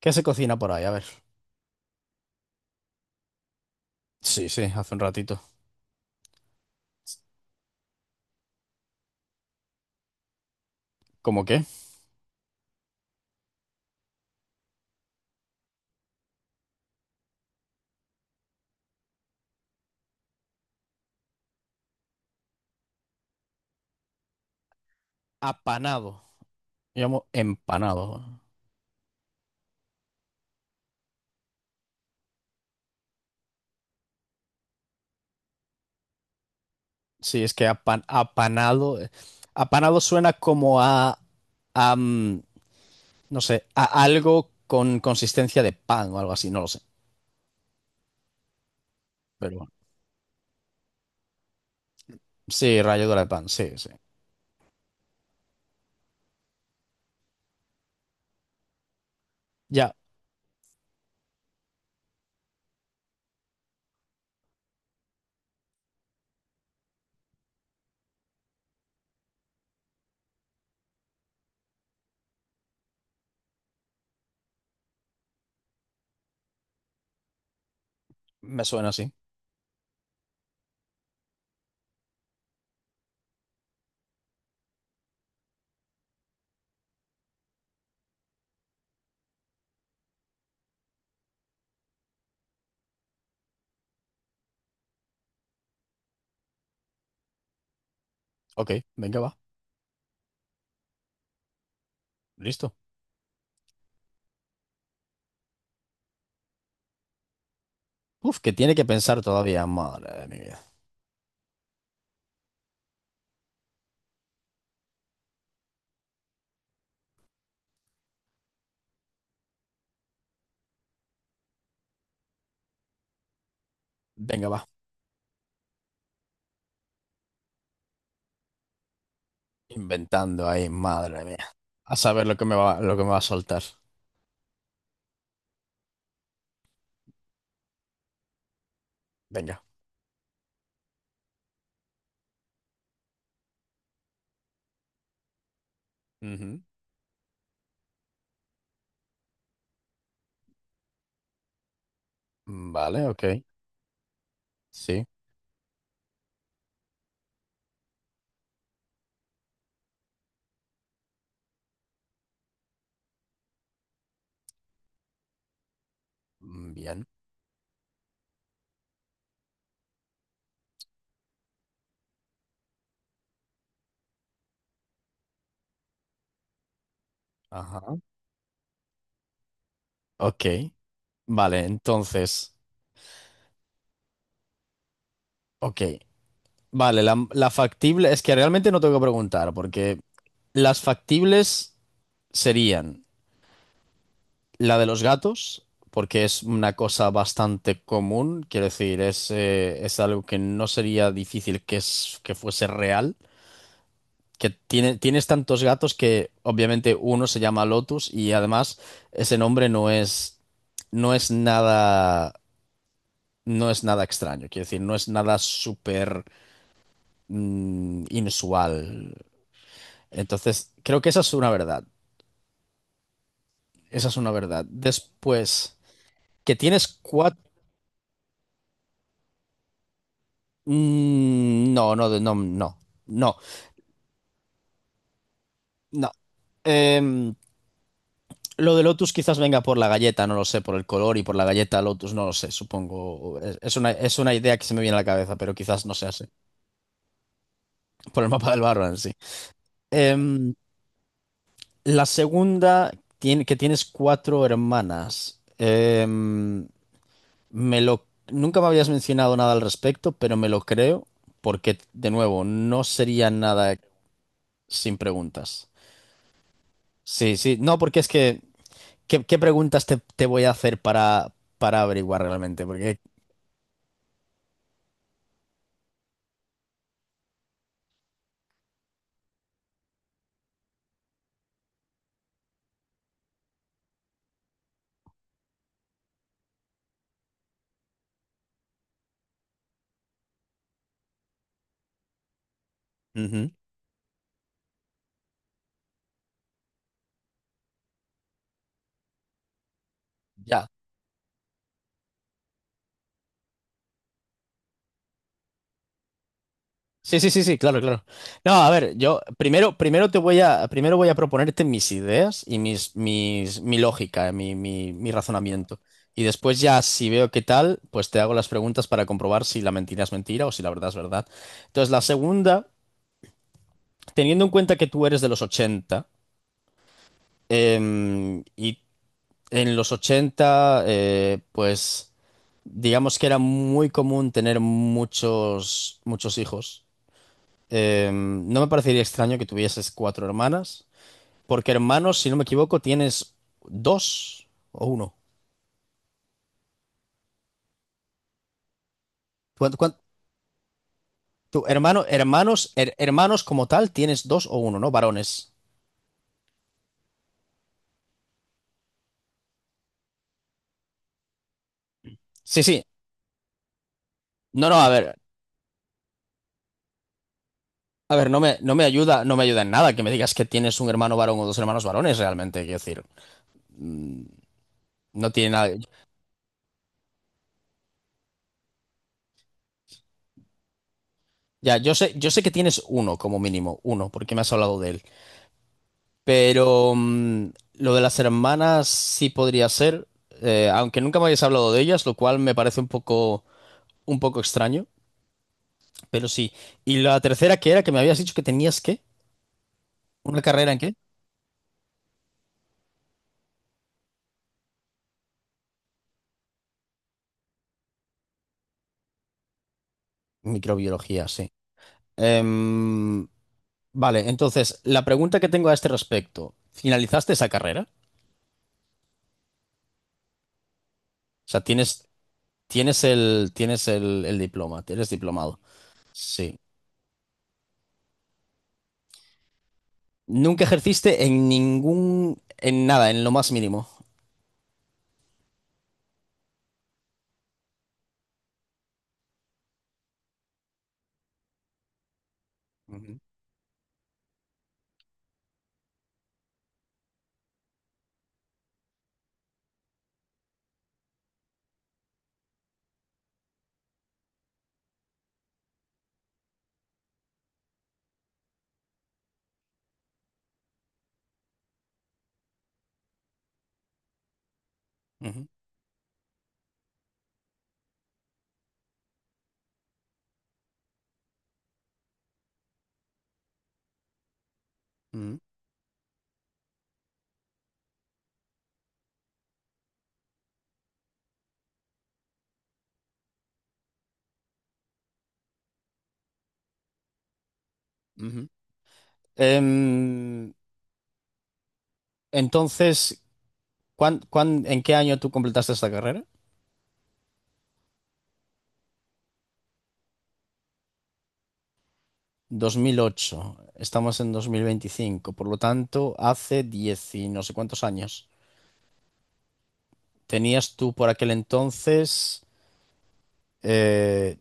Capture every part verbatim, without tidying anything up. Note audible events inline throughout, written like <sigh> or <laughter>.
¿Qué se cocina por ahí? A ver. Sí, sí, hace un ratito. ¿Cómo qué? Apanado. Llamo empanado. Sí, es que apan- apanado. eh, Apanado suena como a, a, mm, no sé, a algo con consistencia de pan o algo así, no lo sé. Pero bueno. Sí, ralladura de pan, sí, sí. Ya, me suena así. Ok, venga, va. Listo. Uf, que tiene que pensar todavía, madre de mi vida. Venga, va. Inventando ahí, madre mía. A saber lo que me va, lo que me va a soltar. Venga. Ujú. Mm, vale, ok. Sí. Mm, bien. Ajá. Ok. Vale, entonces. Ok. Vale, la, la factible. Es que realmente no tengo que preguntar, porque las factibles serían la de los gatos, porque es una cosa bastante común. Quiero decir, es, eh, es algo que no sería difícil que, es- que fuese real. Que tiene- tienes tantos gatos que obviamente uno se llama Lotus y además ese nombre no es, no es nada, no es nada extraño, quiero decir, no es nada súper mm, inusual. Entonces, creo que esa es una verdad, esa es una verdad. Después, que tienes cuatro... no, no, no, no, no, no. Em, lo de Lotus quizás venga por la galleta, no lo sé, por el color y por la galleta Lotus, no lo sé, supongo. Es, es una, es una idea que se me viene a la cabeza, pero quizás no sea así. <laughs> Por el mapa del barro sí. Em, la segunda, tiene, que tienes cuatro hermanas. Em, me lo, nunca me habías mencionado nada al respecto, pero me lo creo, porque, de nuevo, no sería nada sin preguntas. Sí, sí, no, porque es que, ¿qué, qué preguntas te, te voy a hacer para, para averiguar realmente? Porque... Ujú. Ya. Sí, sí, sí, sí, claro, claro. No, a ver, yo primero, primero te voy a, primero voy a proponerte mis ideas y mis, mis, mi lógica, eh, mi, mi, mi razonamiento. Y después ya, si veo qué tal, pues te hago las preguntas para comprobar si la mentira es mentira o si la verdad es verdad. Entonces, la segunda, teniendo en cuenta que tú eres de los ochenta em, y en los ochenta, eh, pues, digamos que era muy común tener muchos, muchos hijos. Eh, no me parecería extraño que tuvieses cuatro hermanas, porque hermanos, si no me equivoco, tienes dos o uno. ¿Cuánto, cuánto- tu hermano, hermanos, her- Hermanos como tal, tienes dos o uno, ¿no? Varones. Sí, sí. No, no, a ver, a ver, no me, no me ayuda, no me ayuda en nada que me digas que tienes un hermano varón o dos hermanos varones, realmente. Quiero decir, mm, no tiene nada. Ya, yo sé, yo sé que tienes uno como mínimo, uno, porque me has hablado de él. Pero mm, lo de las hermanas sí podría ser, eh, aunque nunca me habéis hablado de ellas, lo cual me parece un poco, un poco extraño, pero sí. Y la tercera que era que me habías dicho que tenías qué, ¿una carrera en qué? Microbiología, sí. Em, vale, entonces, la pregunta que tengo a este respecto, ¿finalizaste esa carrera? O sea, tienes, tienes el, tienes el, el diploma, eres diplomado. Sí. Nunca ejerciste en ningún, en nada, en lo más mínimo. Ujú, ujú, ujú. Ujú. Em, entonces, ¿cuán- cuán- en qué año tú completaste esta carrera? Dos mil ocho. Estamos en dos mil veinticinco. Por lo tanto, hace diez y no sé cuántos años. Tenías tú por aquel entonces... eh,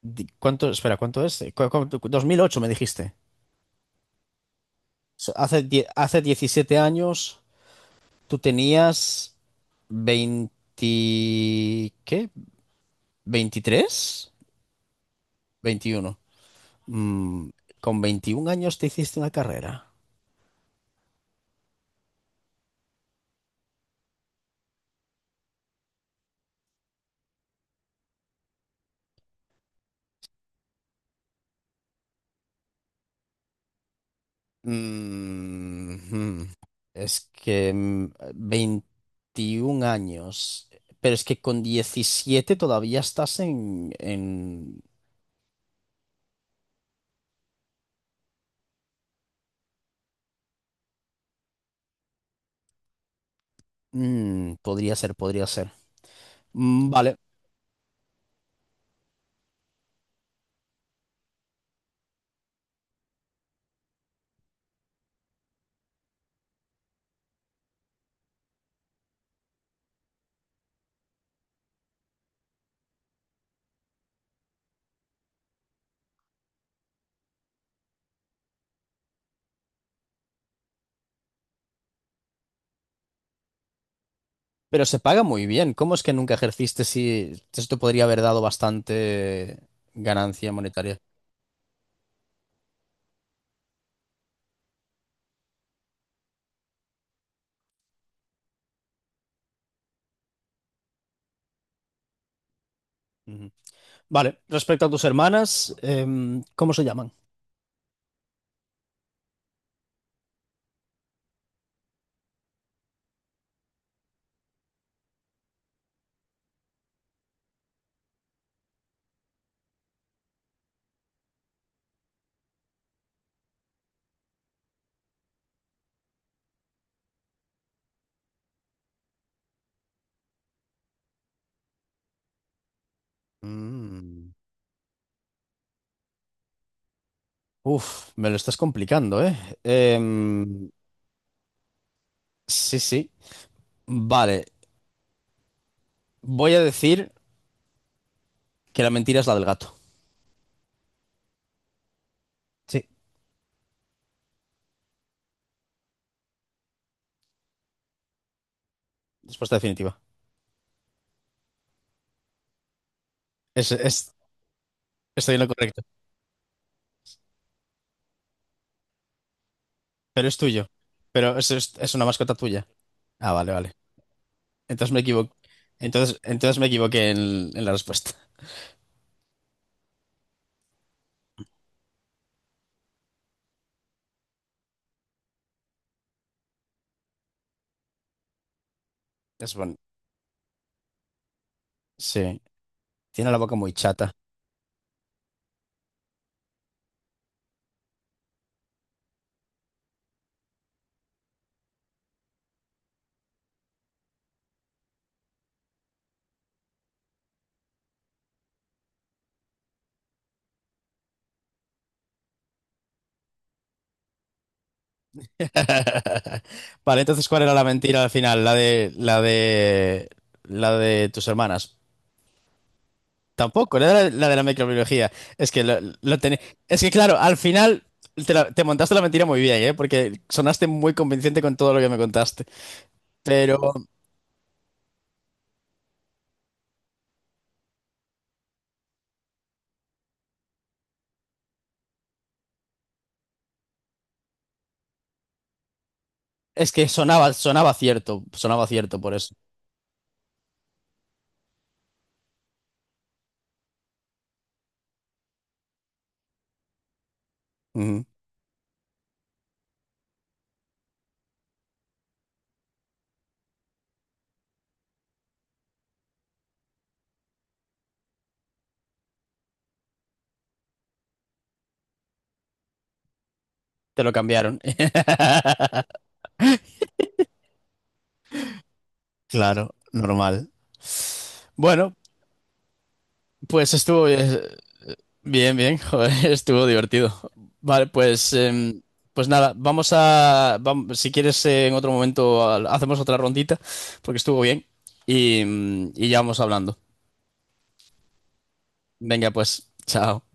di- ¿cuánto? Espera, ¿cuánto es? Eh, ¿Cu- cuánto? Dos mil ocho me dijiste. So, Hace, die- hace diecisiete años tú tenías veinte... ¿Qué? Veintitrés. Veintiuno. Mm, con veintiún años te hiciste una carrera. Mm, hmm. Es que mm, veintiún años, pero es que con diecisiete todavía estás en, en- Mm, podría ser, podría ser. Mm, vale, pero se paga muy bien. ¿Cómo es que nunca ejerciste si esto podría haber dado bastante ganancia monetaria? Ujú. Vale, respecto a tus hermanas, em, ¿cómo se llaman? Mm. Uf, me lo estás complicando, ¿eh? Em, sí, sí. Vale, voy a decir que la mentira es la del gato. Sí, respuesta definitiva. Es, es- Estoy en lo correcto, pero es tuyo. Pero es, es, es una mascota tuya. Ah, vale, vale. Entonces me equivoqué. Entonces, entonces me equivoqué en, en la respuesta. Es bueno. Sí, tiene la boca muy chata. <laughs> Vale, entonces, ¿cuál era la mentira al final? La de, la de, la de tus hermanas. Tampoco, la de la, la de la microbiología. Es que lo, lo tené- Es que claro, al final te, la- te montaste la mentira muy bien, ¿eh? Porque sonaste muy convincente con todo lo que me contaste. Pero es que sonaba, sonaba cierto, sonaba cierto por eso. Ujú. Te lo cambiaron. <laughs> Claro, normal. Bueno, pues estuvo, eh, bien, bien, joder, <laughs> estuvo divertido. Vale, pues, em, pues nada, vamos a, vam- si quieres eh, en otro momento al- hacemos otra rondita, porque estuvo bien y, mm, y ya vamos hablando. Venga, pues, chao.